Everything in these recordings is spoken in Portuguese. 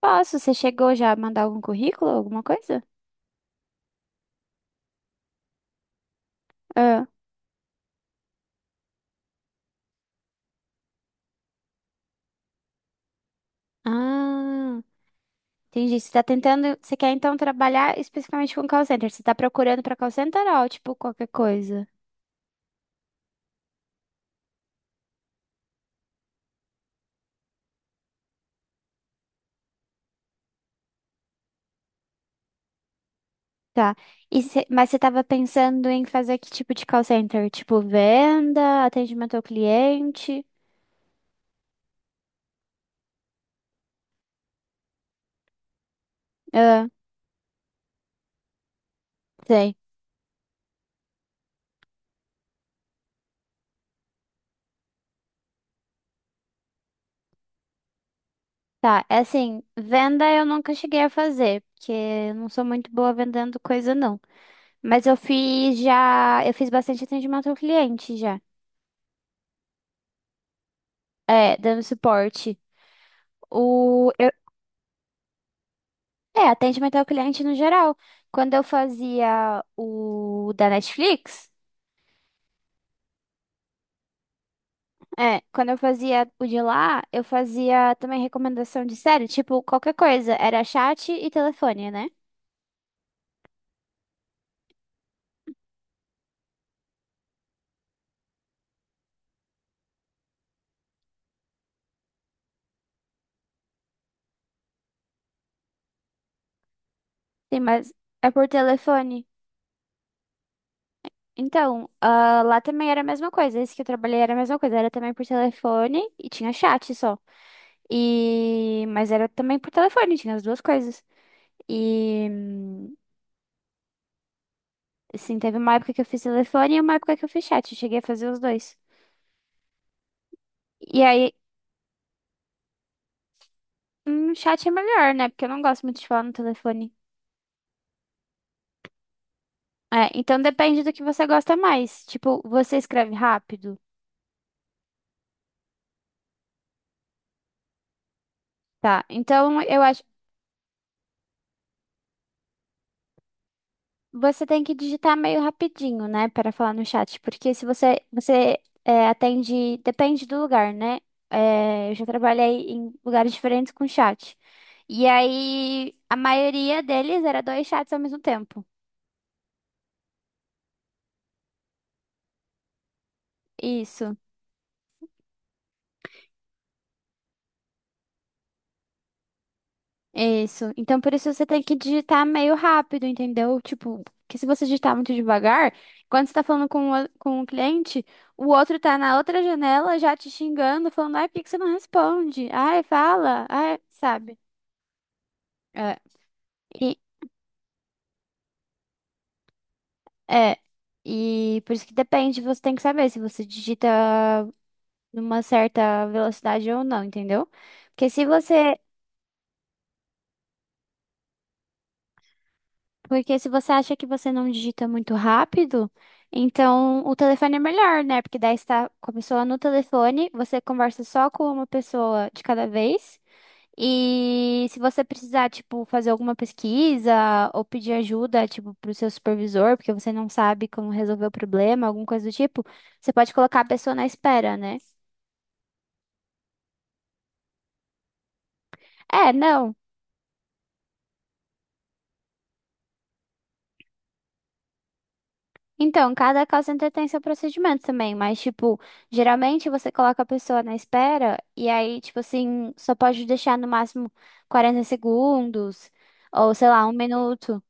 Posso? Você chegou já a mandar algum currículo, alguma coisa? Ah, ah, entendi. Você tá tentando, você quer então trabalhar especificamente com call center? Você tá procurando pra call center ou tipo qualquer coisa? Tá. Mas você tava pensando em fazer que tipo de call center? Tipo venda, atendimento ao cliente? Ah, sei. Tá, é assim, venda eu nunca cheguei a fazer, porque eu não sou muito boa vendendo coisa não. Mas eu fiz já, eu fiz bastante atendimento ao cliente já. É, dando suporte. O, eu- é, atendimento ao cliente no geral. Quando eu fazia o da Netflix, é, quando eu fazia o de lá, eu fazia também recomendação de série, tipo, qualquer coisa. Era chat e telefone, né? Sim, mas é por telefone. Então, ah, lá também era a mesma coisa. Esse que eu trabalhei era a mesma coisa. Era também por telefone e tinha chat só. Mas era também por telefone, tinha as duas coisas. E, assim, teve uma época que eu fiz telefone e uma época que eu fiz chat. Eu cheguei a fazer os dois. E aí, chat é melhor, né? Porque eu não gosto muito de falar no telefone. É, então depende do que você gosta mais. Tipo, você escreve rápido. Tá, então eu acho. Você tem que digitar meio rapidinho, né, para falar no chat, porque se você é, atende, depende do lugar, né? É, eu já trabalhei em lugares diferentes com chat. E aí a maioria deles era dois chats ao mesmo tempo. Isso, isso. Então por isso você tem que digitar meio rápido, entendeu? Tipo, que se você digitar muito devagar, quando você tá falando com o cliente, o outro tá na outra janela já te xingando, falando, ai, por que que você não responde? Ai, fala, ai, sabe? É, e, é, e por isso que depende, você tem que saber se você digita numa certa velocidade ou não, entendeu? Porque se você, porque se você acha que você não digita muito rápido, então o telefone é melhor, né? Porque daí está com a pessoa no telefone, você conversa só com uma pessoa de cada vez. E se você precisar, tipo, fazer alguma pesquisa ou pedir ajuda, tipo, pro seu supervisor, porque você não sabe como resolver o problema, alguma coisa do tipo, você pode colocar a pessoa na espera, né? É, não. Então, cada call center tem seu procedimento também, mas, tipo, geralmente você coloca a pessoa na espera e aí, tipo assim, só pode deixar no máximo 40 segundos ou, sei lá, um minuto.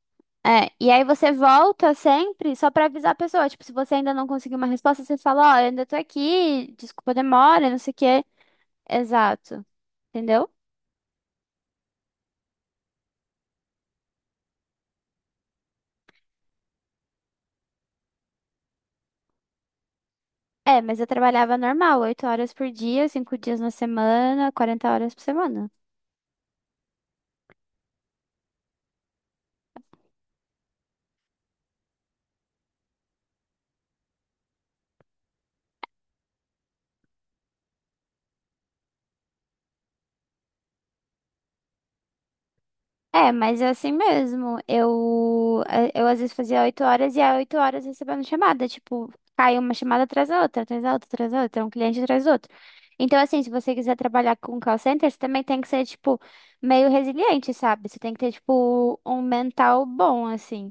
É, e aí você volta sempre só pra avisar a pessoa. Tipo, se você ainda não conseguiu uma resposta, você fala, ó, eu ainda tô aqui, desculpa a demora, não sei o quê. Exato, entendeu? É, mas eu trabalhava normal, 8 horas por dia, 5 dias na semana, 40 horas por semana. É, mas é assim mesmo. Eu às vezes fazia 8 horas e a 8 horas recebendo chamada. Tipo, cai uma chamada atrás da outra, atrás da outra, atrás da outra, um cliente atrás do outro. Então, assim, se você quiser trabalhar com call center, você também tem que ser, tipo, meio resiliente, sabe? Você tem que ter, tipo, um mental bom, assim.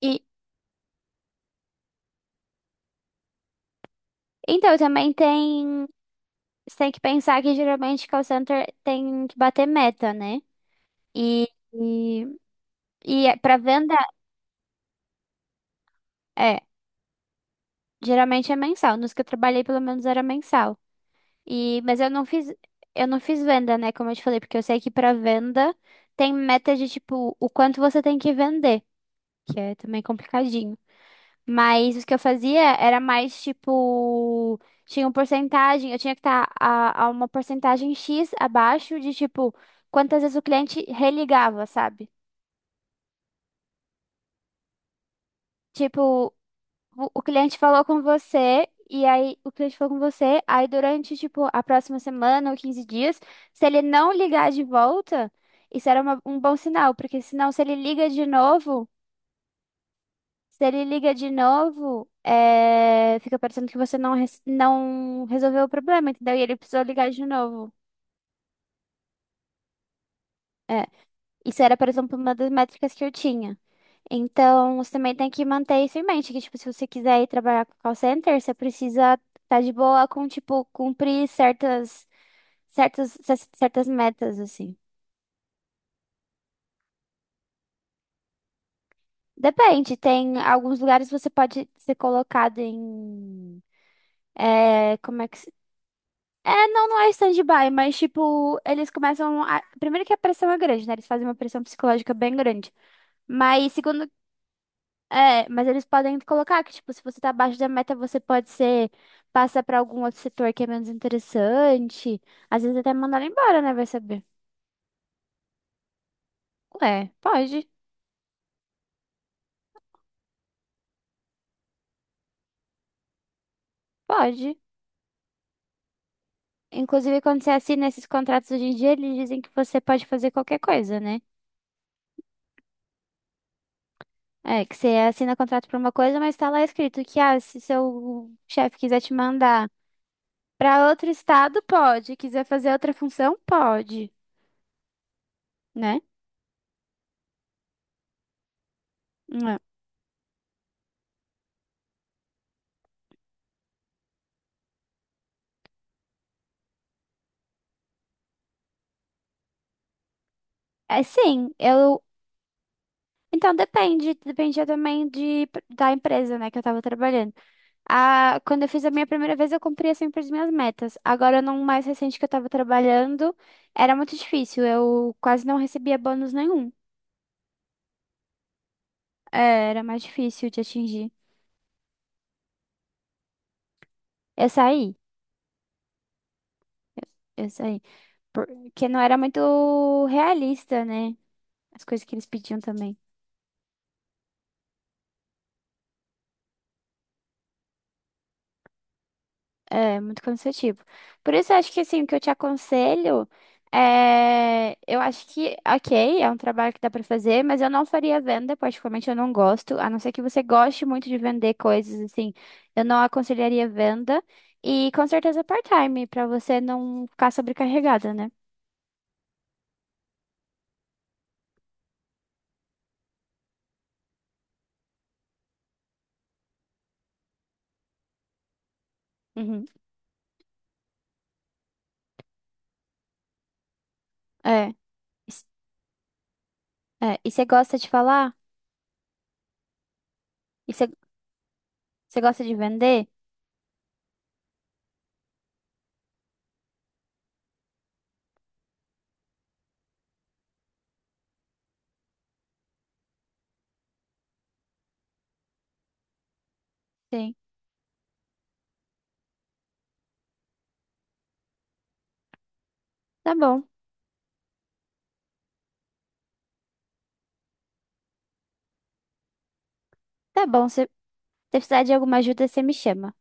E então também tem. Você tem que pensar que geralmente call center tem que bater meta, né? E, e, pra venda, é. Geralmente é mensal. Nos que eu trabalhei, pelo menos, era mensal. E, mas eu não fiz venda, né? Como eu te falei, porque eu sei que pra venda tem meta de tipo o quanto você tem que vender, que é também complicadinho. Mas o que eu fazia era mais tipo, tinha uma porcentagem, eu tinha que estar a uma porcentagem X abaixo de tipo quantas vezes o cliente religava, sabe? Tipo, o cliente falou com você, e aí o cliente falou com você, aí durante, tipo, a próxima semana ou 15 dias, se ele não ligar de volta, isso era uma- um bom sinal, porque senão se ele liga de novo, se ele liga de novo, é, fica parecendo que você não, res- não resolveu o problema, entendeu? E ele precisou ligar de novo. É. Isso era, por exemplo, uma das métricas que eu tinha. Então, você também tem que manter isso em mente, que, tipo, se você quiser ir trabalhar com call center, você precisa estar de boa com, tipo, cumprir certas metas, assim. Depende, tem alguns lugares você pode ser colocado em, é, como é que se... É, não, não é stand-by, mas, tipo, eles começam a... Primeiro que a pressão é grande, né? Eles fazem uma pressão psicológica bem grande. Mas, segundo é, mas eles podem colocar que, tipo, se você tá abaixo da meta, você pode ser, passar pra algum outro setor que é menos interessante. Às vezes até mandar ela embora, né? Vai saber. Ué, pode, pode. Inclusive, quando você assina esses contratos hoje em dia, eles dizem que você pode fazer qualquer coisa, né? É, que você assina contrato pra uma coisa, mas tá lá escrito que, ah, se seu chefe quiser te mandar pra outro estado, pode. Quiser fazer outra função, pode, né? É, é, sim, eu. Então, depende, dependia também da empresa, né, que eu tava trabalhando. Ah, quando eu fiz a minha primeira vez, eu cumpria sempre as minhas metas. Agora, num mais recente que eu tava trabalhando, era muito difícil, eu quase não recebia bônus nenhum. É, era mais difícil de atingir. Eu saí, eu saí, porque não era muito realista, né, as coisas que eles pediam também. É muito cansativo. Por isso, eu acho que assim, o que eu te aconselho é. Eu acho que, ok, é um trabalho que dá pra fazer, mas eu não faria venda, particularmente eu não gosto, a não ser que você goste muito de vender coisas, assim, eu não aconselharia venda. E com certeza part-time, pra você não ficar sobrecarregada, né? Uhum. É. Is- É. E você gosta de falar? E você gosta de vender? Sim. Tá bom, tá bom. Se precisar de alguma ajuda, você me chama.